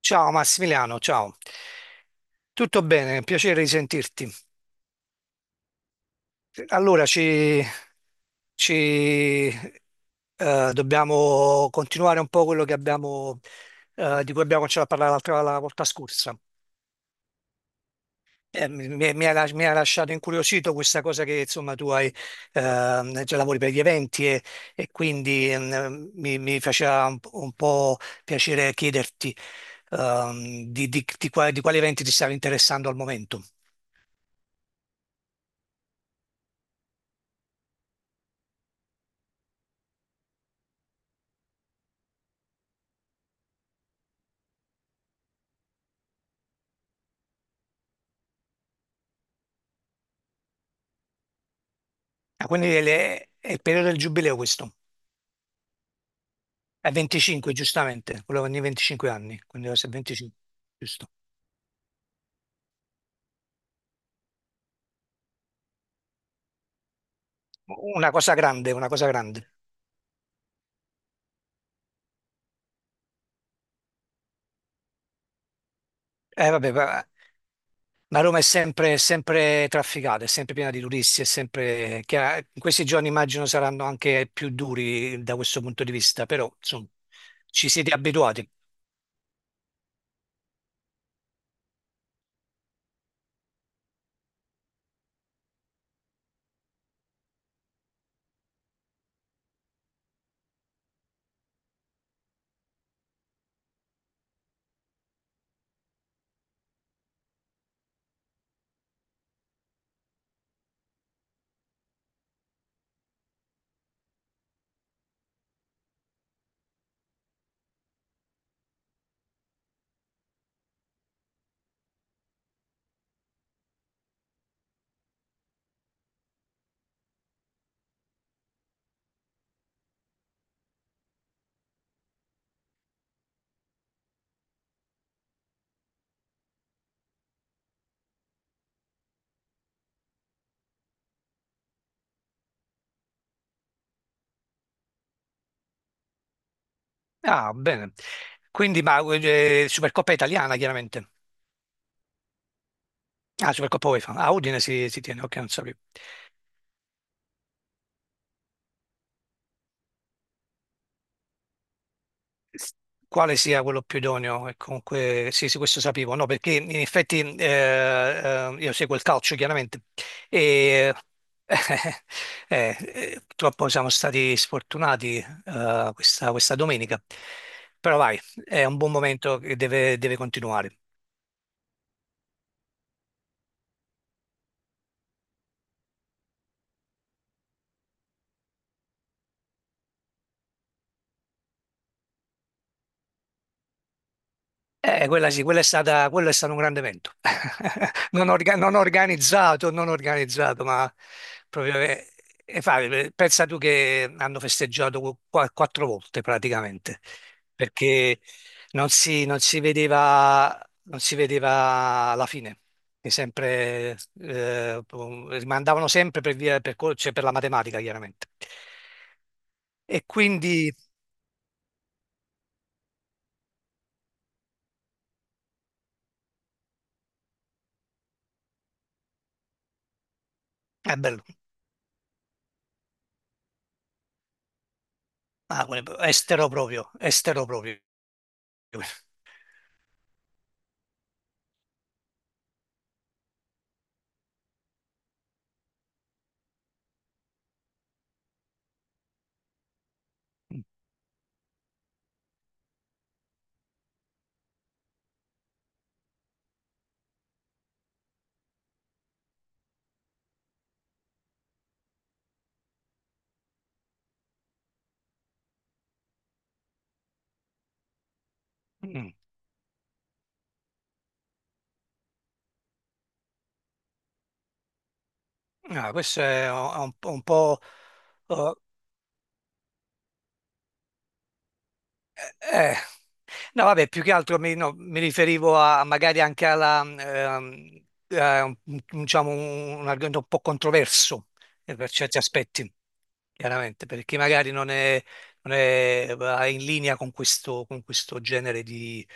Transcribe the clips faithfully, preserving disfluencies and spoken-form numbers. Ciao Massimiliano, ciao. Tutto bene, piacere di sentirti. Allora, ci, ci, eh, dobbiamo continuare un po' quello che abbiamo, eh, di cui abbiamo cominciato a parlare l'altra la volta scorsa. Eh, mi, mi- mi ha, las- mi ha lasciato incuriosito questa cosa che insomma tu hai, ehm, già lavori per gli eventi e, e quindi ehm, mi, mi faceva un, un po' piacere chiederti ehm, di, di- di qua- di quali eventi ti stavi interessando al momento. Ah, quindi è, le- è il periodo del giubileo questo. È venticinque, giustamente, quello ogni venticinque anni, quindi deve essere venticinque, giusto. Una cosa grande, una cosa grande. Eh, vabbè, va- ma Roma è sempre, è sempre trafficata, è sempre piena di turisti, è sempre... chiara- in questi giorni immagino saranno anche più duri da questo punto di vista, però insomma, ci siete abituati. Ah, bene. Quindi, ma eh, Supercoppa italiana, chiaramente. Ah, Supercoppa UEFA. Ah, Udine si, si tiene, ok, non sapevo. S- Quale sia quello più idoneo? E comunque, sì, sì, questo sapevo, no, perché in effetti eh, eh, io seguo il calcio, chiaramente, e eh, eh, purtroppo siamo stati sfortunati eh, questa, questa domenica, però vai, è un buon momento che deve deve continuare. Eh, quella sì, quella è stata, quello è stato un grande evento. Non, orga- non organizzato, non organizzato, ma proprio... eh, e fa, eh, pensa tu che hanno festeggiato qua- quattro volte praticamente, perché non si, non si vedeva, non si vedeva la fine. E sempre, eh, rimandavano sempre per via, per, co- cioè per la matematica, chiaramente. E quindi è bello. Ah, quello- estero proprio, estero proprio. Mm. Ah, questo è un, un po'... oh, eh. No, vabbè, più che altro mi, no, mi riferivo a magari anche alla, ehm, eh, un- diciamo, un un argomento un po' controverso, eh, per certi aspetti, chiaramente, perché magari non è, non è va in linea con questo, con questo genere di,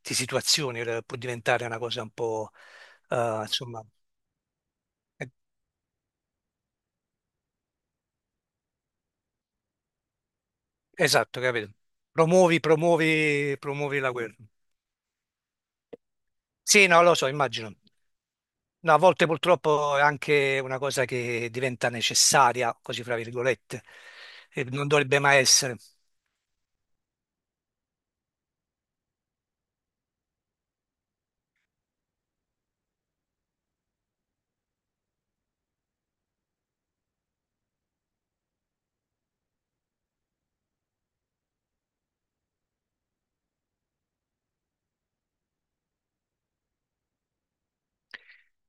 di situazioni, eh, può diventare una cosa un po', eh, insomma, eh, esatto, capito? Promuovi, promuovi, promuovi la guerra. Sì, no, lo so, immagino. No, a volte purtroppo è anche una cosa che diventa necessaria, così fra virgolette, e non dovrebbe mai essere.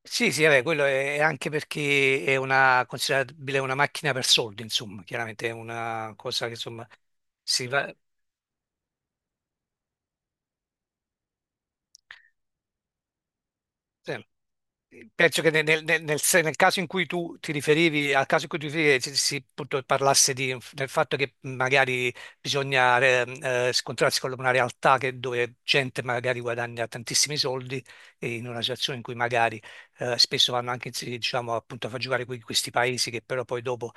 Sì, sì, vabbè, quello è è anche perché è una, considerabile una macchina per soldi, insomma, chiaramente è una cosa che insomma si va- sì. Penso che nel, nel- nel- nel se- nel caso in cui tu ti riferivi, al caso in cui tu ti riferivi, si, si, appunto, parlasse di- del fatto che magari bisogna eh, eh, scontrarsi con una realtà che- dove gente magari guadagna tantissimi soldi e in una situazione in cui magari eh, spesso vanno anche sì, diciamo, appunto, a far giocare que- questi paesi che però poi dopo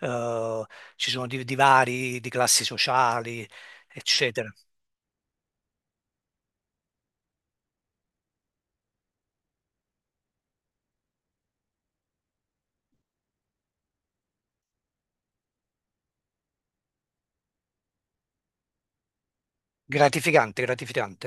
eh, ci sono di- divari di classi sociali, eccetera. Gratificante, gratificante.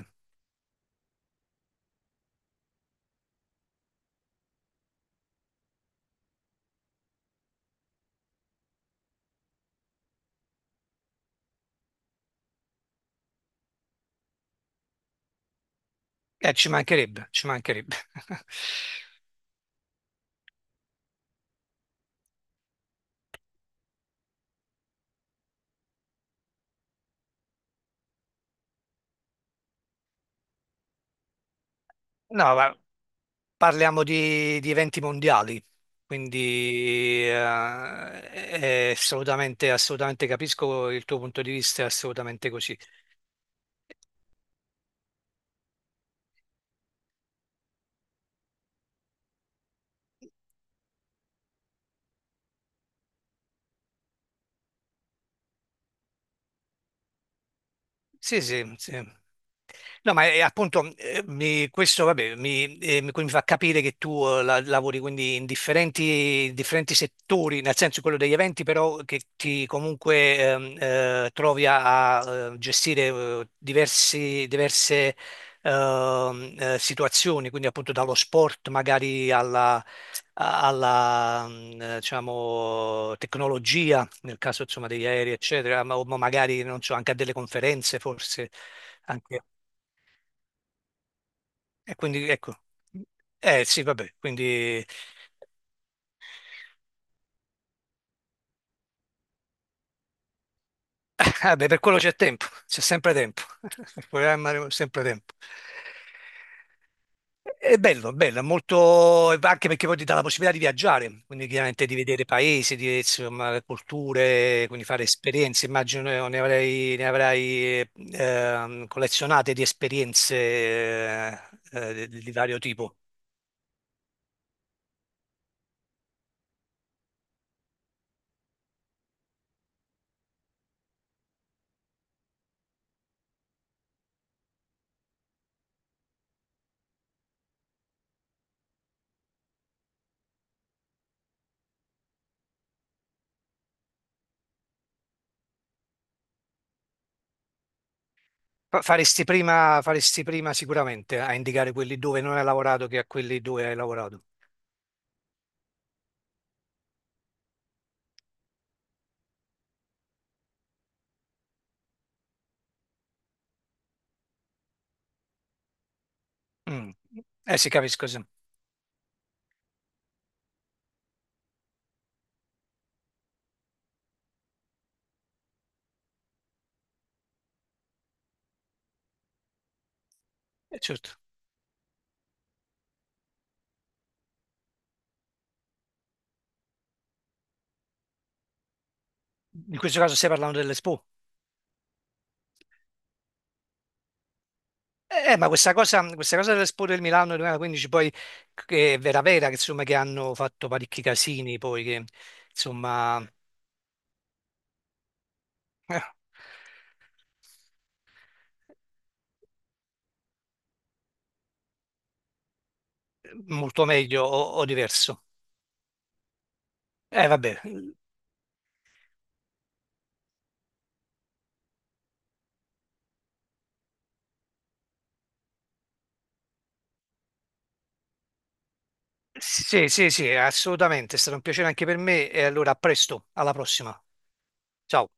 Eh, ci mancherebbe, ci mancherebbe. No, ma parliamo di, di eventi mondiali, quindi eh, è assolutamente, assolutamente capisco il tuo punto di vista, è assolutamente così. Sì, sì, sì. No, ma eh, appunto eh, mi- questo vabbè, mi, eh, mi- quindi mi fa capire che tu eh, la- lavori quindi in differenti, differenti settori, nel senso quello degli eventi, però che ti comunque ehm, eh, trovi a, a, eh, gestire eh, diversi- diverse ehm, eh, situazioni, quindi appunto dallo sport magari alla, a- alla mm, eh, diciamo, tecnologia, nel caso insomma degli aerei, eccetera, ma, ma magari non so, anche a delle conferenze forse. E quindi ecco, eh sì, vabbè, quindi ah, beh, per quello c'è tempo, c'è sempre tempo, per programmare c'è sempre tempo. È bello, è bello, è molto, anche perché poi ti dà la possibilità di viaggiare, quindi chiaramente di vedere paesi, di, insomma, culture, quindi fare esperienze, immagino ne ne avrai, ne avrai ehm, collezionate di esperienze eh, eh, di di vario tipo. Fa- Faresti prima, faresti prima sicuramente a indicare quelli dove non hai lavorato che a quelli dove hai lavorato. Mm. Eh sì, capisco, sì. Eh, certo. In questo caso stai parlando dell'Expo. Eh, eh, ma questa cosa, questa cosa dell'Expo del Milano duemilaquindici poi che è vera vera, che insomma che hanno fatto parecchi casini poi che insomma eh, molto meglio o, o diverso. Eh vabbè, sì sì sì, assolutamente, è stato un piacere anche per me e allora a presto, alla prossima. Ciao.